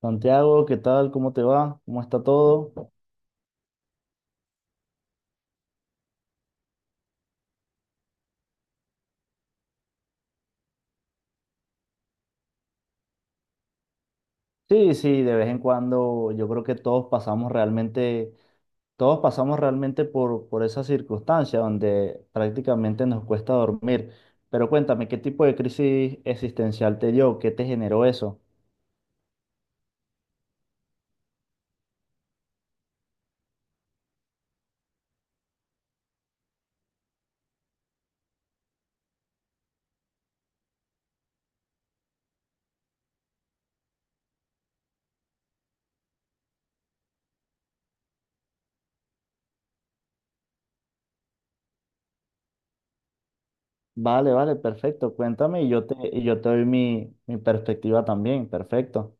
Santiago, ¿qué tal? ¿Cómo te va? ¿Cómo está todo? Sí, sí, de vez en cuando yo creo que todos pasamos realmente por esa circunstancia donde prácticamente nos cuesta dormir. Pero cuéntame, ¿qué tipo de crisis existencial te dio? ¿Qué te generó eso? Vale, vale, perfecto. Cuéntame y yo te doy mi perspectiva también. Perfecto.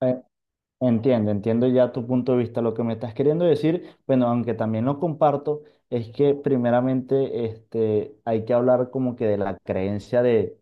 Ok. Entiendo, entiendo ya tu punto de vista. Lo que me estás queriendo decir, bueno, aunque también lo comparto, es que primeramente este, hay que hablar como que de la creencia de,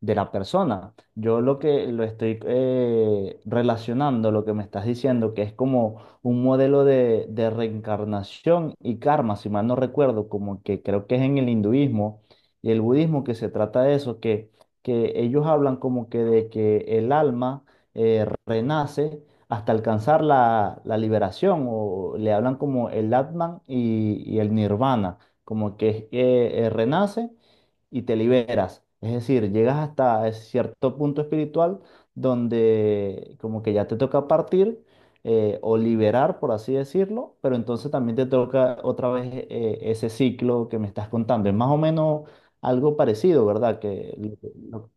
de la persona. Yo lo que lo estoy relacionando, lo que me estás diciendo, que es como un modelo de reencarnación y karma, si mal no recuerdo, como que creo que es en el hinduismo y el budismo que se trata de eso, que ellos hablan como que de que el alma renace hasta alcanzar la liberación, o le hablan como el Atman y el Nirvana, como que es que, renace y te liberas. Es decir, llegas hasta ese cierto punto espiritual donde como que ya te toca partir o liberar, por así decirlo, pero entonces también te toca otra vez ese ciclo que me estás contando. Es más o menos algo parecido, ¿verdad? Que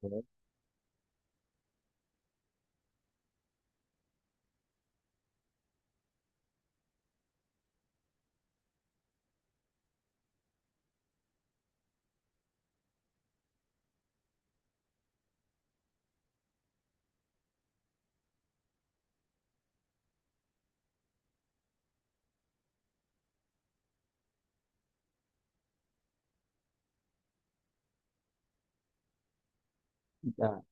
que- ya,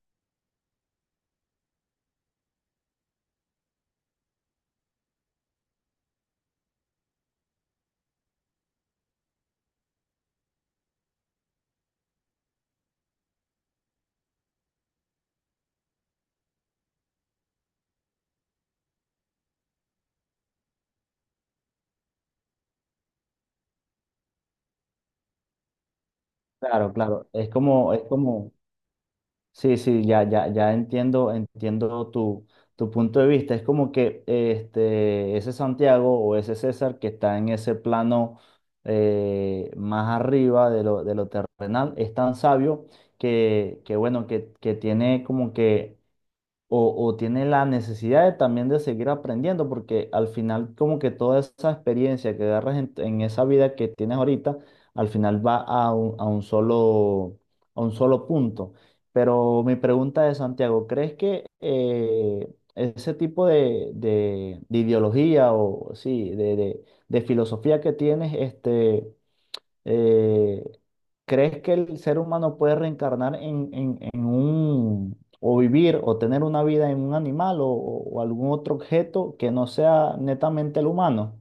claro, claro. Sí, sí, ya, entiendo, entiendo tu punto de vista. Es como que este, ese Santiago o ese César que está en ese plano más arriba de de lo terrenal es tan sabio que bueno, que tiene como que o tiene la necesidad de también de seguir aprendiendo, porque al final como que toda esa experiencia que agarras en esa vida que tienes ahorita, al final va a un solo, a un solo punto. Pero mi pregunta es, Santiago, ¿crees que ese tipo de ideología o sí, de filosofía que tienes, este eh, ¿crees que el ser humano puede reencarnar en un, o vivir o tener una vida en un animal o algún otro objeto que no sea netamente el humano?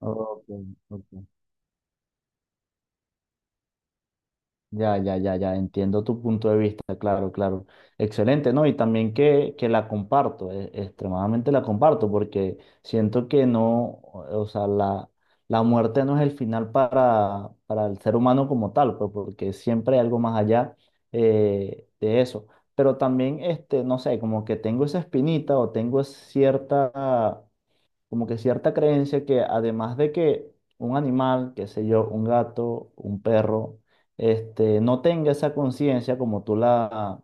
Ok, ok. Ya, entiendo tu punto de vista, claro, claro. Excelente, ¿no? Y también que la comparto, extremadamente la comparto, porque siento que no, o sea, la muerte no es el final para el ser humano como tal, pues porque siempre hay algo más allá de eso. Pero también, este, no sé, como que tengo esa espinita o tengo cierta como que cierta creencia que además de que un animal, qué sé yo, un gato, un perro, este, no tenga esa conciencia como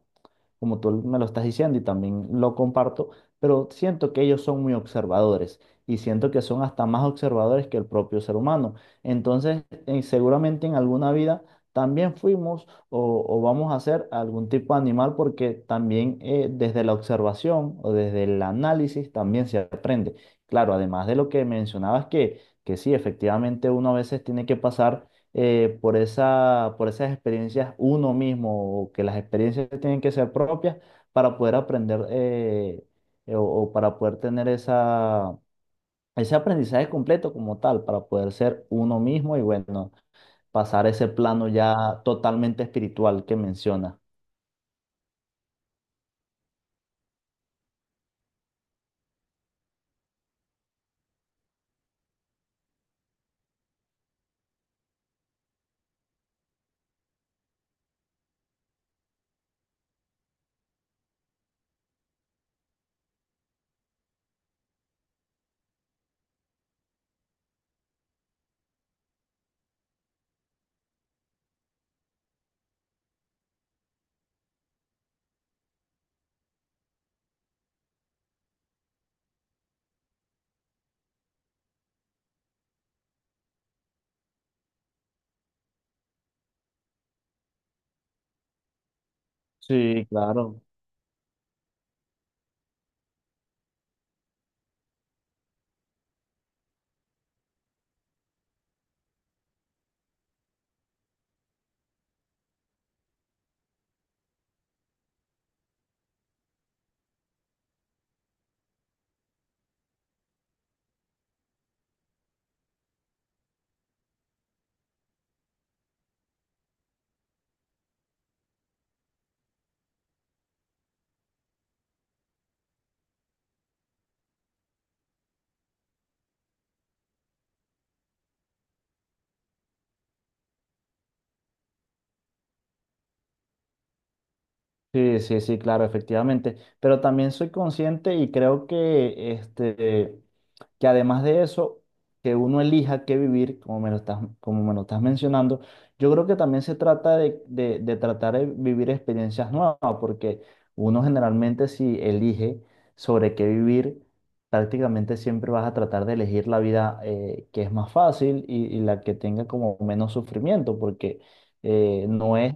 como tú me lo estás diciendo y también lo comparto, pero siento que ellos son muy observadores y siento que son hasta más observadores que el propio ser humano. Entonces, seguramente en alguna vida también fuimos o vamos a ser algún tipo de animal porque también desde la observación o desde el análisis también se aprende. Claro, además de lo que mencionabas que sí, efectivamente uno a veces tiene que pasar por esa, por esas experiencias uno mismo, o que las experiencias tienen que ser propias para poder aprender o para poder tener esa, ese aprendizaje completo como tal, para poder ser uno mismo y bueno, pasar ese plano ya totalmente espiritual que menciona. Sí, claro. Sí, sí, sí, claro, efectivamente. Pero también soy consciente y creo que, este, que además de eso, que uno elija qué vivir, como me lo estás, como me lo estás mencionando, yo creo que también se trata de tratar de vivir experiencias nuevas, ¿no? Porque uno generalmente si elige sobre qué vivir, prácticamente siempre vas a tratar de elegir la vida que es más fácil y la que tenga como menos sufrimiento, porque no es.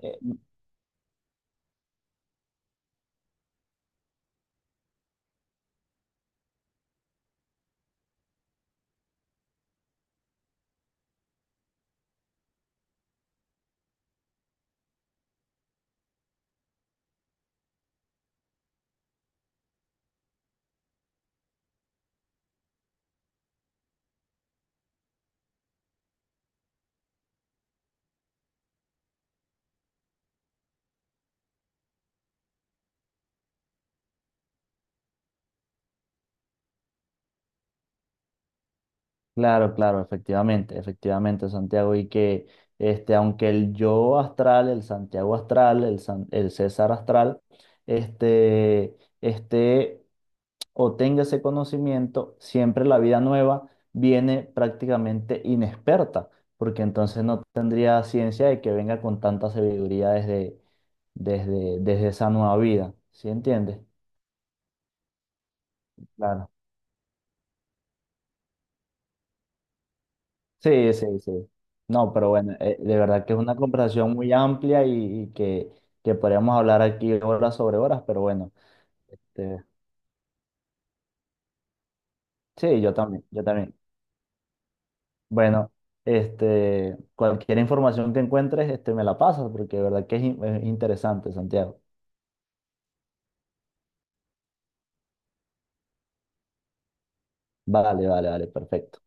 Claro, claro, efectivamente, efectivamente, Santiago, y que este, aunque el yo astral, el Santiago astral, el César astral, este, esté o tenga ese conocimiento, siempre la vida nueva viene prácticamente inexperta, porque entonces no tendría ciencia de que venga con tanta sabiduría desde, desde esa nueva vida, ¿sí entiendes? Claro. Sí, sí, sí. No, pero bueno, de verdad que es una conversación muy amplia y que podríamos hablar aquí horas sobre horas, pero bueno, este, sí, yo también, yo también. Bueno, este, cualquier información que encuentres, este, me la pasas, porque de verdad que es es interesante, Santiago. Vale, vale, vale, perfecto.